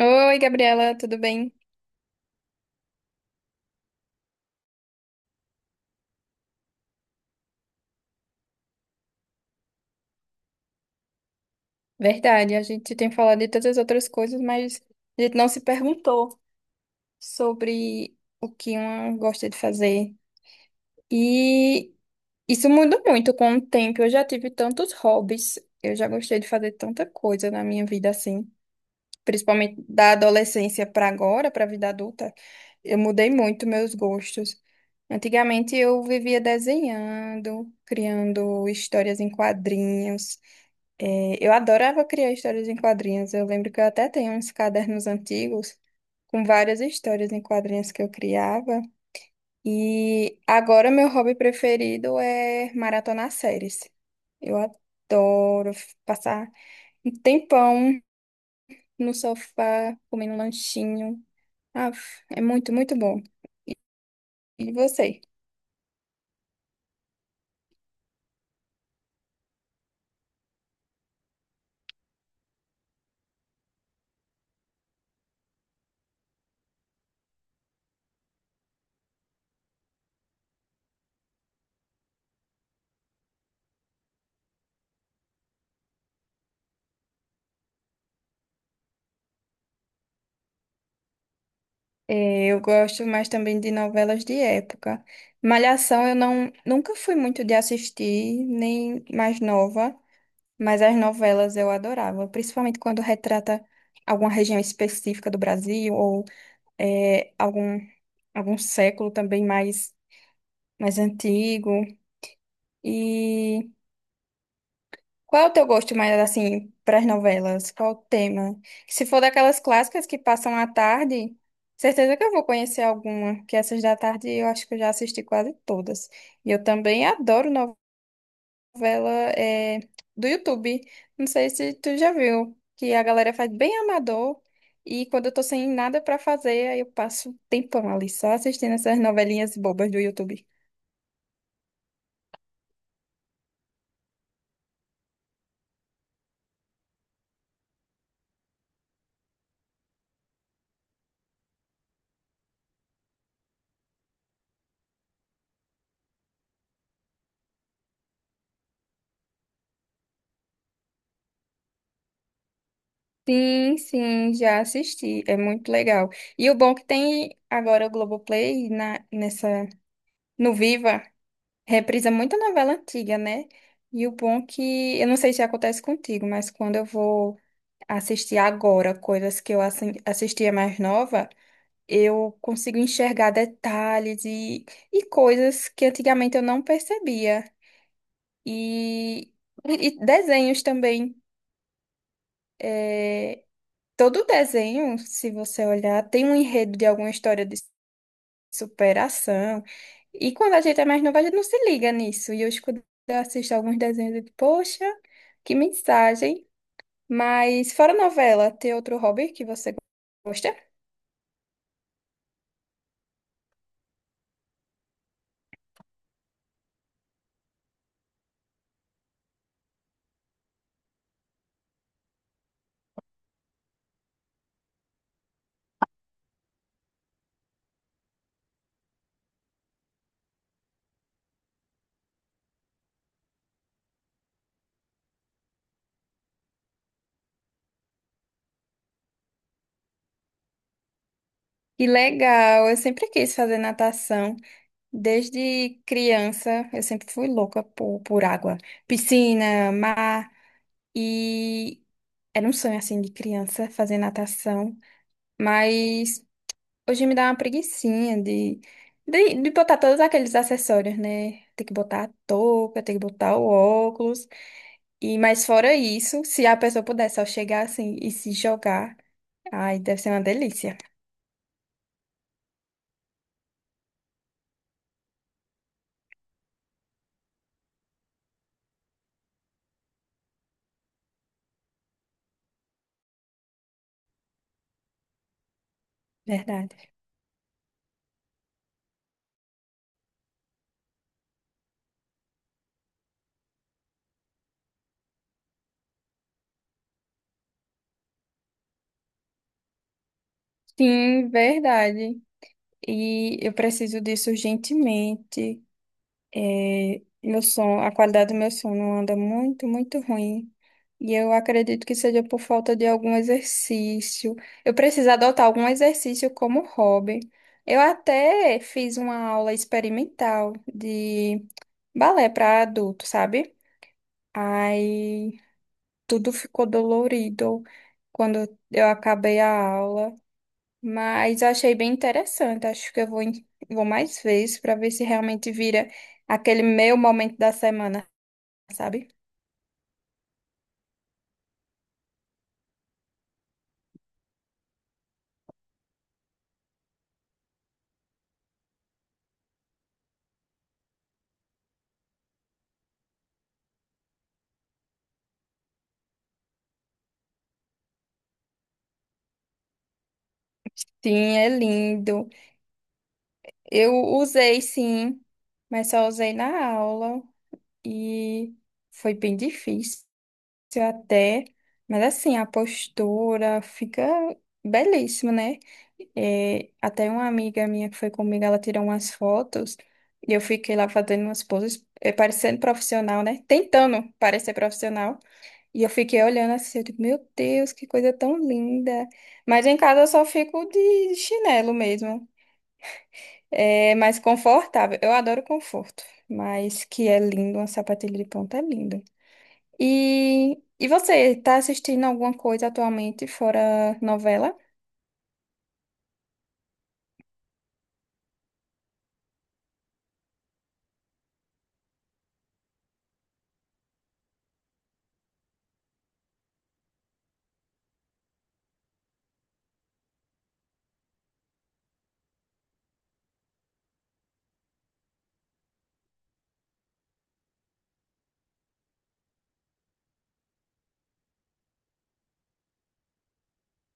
Oi, Gabriela, tudo bem? Verdade, a gente tem falado de tantas outras coisas, mas a gente não se perguntou sobre o que uma gosta de fazer. E isso muda muito com o tempo. Eu já tive tantos hobbies, eu já gostei de fazer tanta coisa na minha vida assim, principalmente da adolescência para agora, para a vida adulta. Eu mudei muito meus gostos. Antigamente eu vivia desenhando, criando histórias em quadrinhos. É, eu adorava criar histórias em quadrinhos. Eu lembro que eu até tenho uns cadernos antigos com várias histórias em quadrinhos que eu criava. E agora meu hobby preferido é maratonar séries. Eu adoro passar um tempão no sofá, comendo um lanchinho. Ah, é muito, muito bom. E você? É, eu gosto mais também de novelas de época. Malhação eu não, nunca fui muito de assistir, nem mais nova. Mas as novelas eu adorava, principalmente quando retrata alguma região específica do Brasil ou algum, algum século também mais, mais antigo. E qual é o teu gosto mais assim para as novelas? Qual o tema? Se for daquelas clássicas que passam à tarde, certeza que eu vou conhecer alguma, que essas da tarde eu acho que eu já assisti quase todas. E eu também adoro novelas. Novela é, do YouTube. Não sei se tu já viu, que a galera faz bem amador. E quando eu tô sem nada pra fazer, aí eu passo um tempão ali só assistindo essas novelinhas bobas do YouTube. Sim, sim, já assisti. É muito legal. E o bom que tem agora o Globoplay na, nessa, no Viva, reprisa muita novela antiga, né? E o bom que, eu não sei se acontece contigo, mas quando eu vou assistir agora coisas que eu assistia mais nova. Eu consigo enxergar detalhes e coisas que antigamente eu não percebia. E, e desenhos também. É, todo desenho, se você olhar, tem um enredo de alguma história de superação. E quando a gente é mais nova, a gente não se liga nisso. E hoje, quando eu assisto alguns desenhos, eu digo, poxa, que mensagem. Mas fora novela, tem outro hobby que você gosta? Que legal, eu sempre quis fazer natação. Desde criança, eu sempre fui louca por água. Piscina, mar, e era um sonho, assim, de criança, fazer natação. Mas hoje me dá uma preguicinha de, de botar todos aqueles acessórios, né? Tem que botar a touca, tem que botar o óculos. E, mas fora isso, se a pessoa puder só chegar assim e se jogar, ai, deve ser uma delícia. Verdade. Sim, verdade. E eu preciso disso urgentemente. É, meu som, a qualidade do meu som não anda muito, muito ruim. E eu acredito que seja por falta de algum exercício. Eu preciso adotar algum exercício como hobby. Eu até fiz uma aula experimental de balé para adulto, sabe? Aí tudo ficou dolorido quando eu acabei a aula, mas achei bem interessante. Acho que eu vou, vou mais vezes para ver se realmente vira aquele meu momento da semana sabe? Sim, é lindo. Eu usei sim, mas só usei na aula e foi bem difícil até. Mas assim, a postura fica belíssima, né? É, até uma amiga minha que foi comigo, ela tirou umas fotos e eu fiquei lá fazendo umas poses, é, parecendo profissional, né? Tentando parecer profissional. E eu fiquei olhando assim, eu digo, meu Deus, que coisa tão linda. Mas em casa eu só fico de chinelo mesmo. É mais confortável. Eu adoro conforto, mas que é lindo, uma sapatilha de ponta é linda. E você, tá assistindo alguma coisa atualmente fora novela?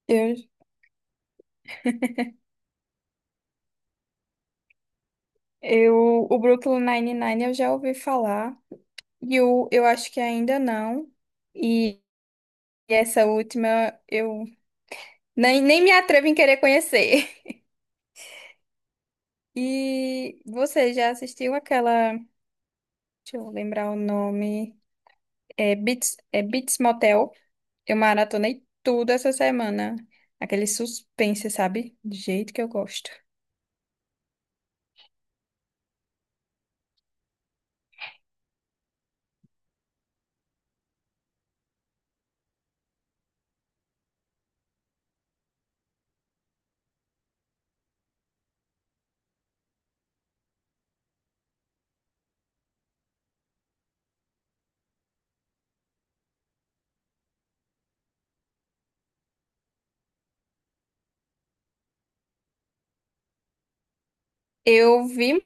Eu, eu, o Brooklyn Nine-Nine eu já ouvi falar, e o, eu acho que ainda não. E essa última eu nem, nem me atrevo em querer conhecer. E você já assistiu aquela, deixa eu lembrar o nome, é Beats Motel? Eu maratonei tudo essa semana. Aquele suspense, sabe? Do jeito que eu gosto. Eu vi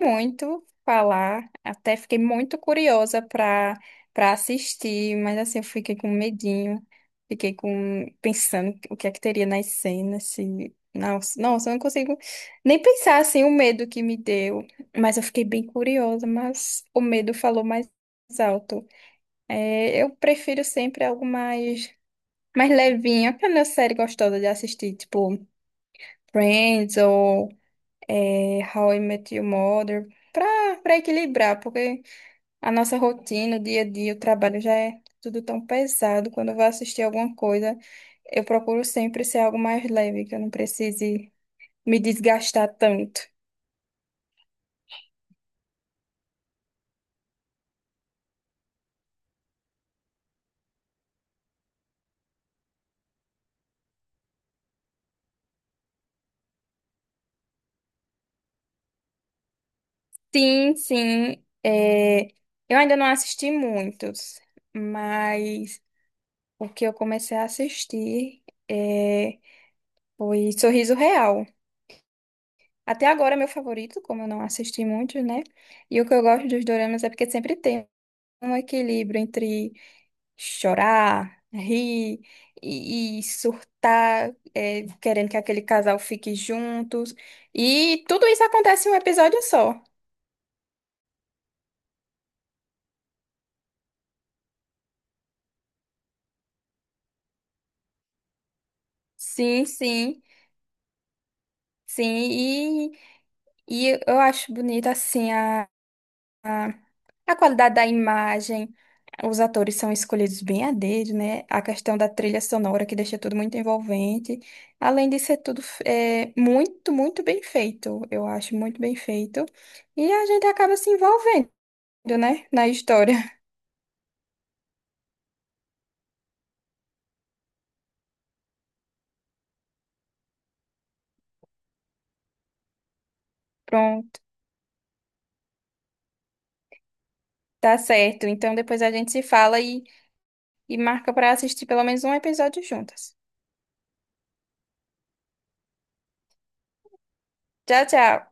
muito falar, até fiquei muito curiosa para para assistir, mas assim, eu fiquei com medinho. Fiquei com pensando o que é que teria nas cenas, se... Nossa, nossa, eu não consigo nem pensar assim o medo que me deu, mas eu fiquei bem curiosa, mas o medo falou mais alto. É, eu prefiro sempre algo mais mais levinha, aquela série gostosa de assistir, tipo Friends ou é, How I Met Your Mother, pra, pra equilibrar, porque a nossa rotina, o dia a dia, o trabalho já é tudo tão pesado. Quando eu vou assistir alguma coisa, eu procuro sempre ser algo mais leve, que eu não precise me desgastar tanto. Sim, sim, é, eu ainda não assisti muitos, mas o que eu comecei a assistir é, foi Sorriso Real. Até agora é meu favorito, como eu não assisti muito né? E o que eu gosto dos doramas é porque sempre tem um equilíbrio entre chorar, rir e surtar, é, querendo que aquele casal fique juntos. E tudo isso acontece em um episódio só. Sim, sim, sim. E eu acho bonita, assim, a, a qualidade da imagem, os atores são escolhidos bem a dedo, né? A questão da trilha sonora que deixa tudo muito envolvente. Além de ser tudo é, muito, muito bem feito, eu acho muito bem feito. E a gente acaba se envolvendo, né? Na história. Pronto, tá certo. Então depois a gente se fala e marca para assistir pelo menos um episódio juntas. Tchau, tchau.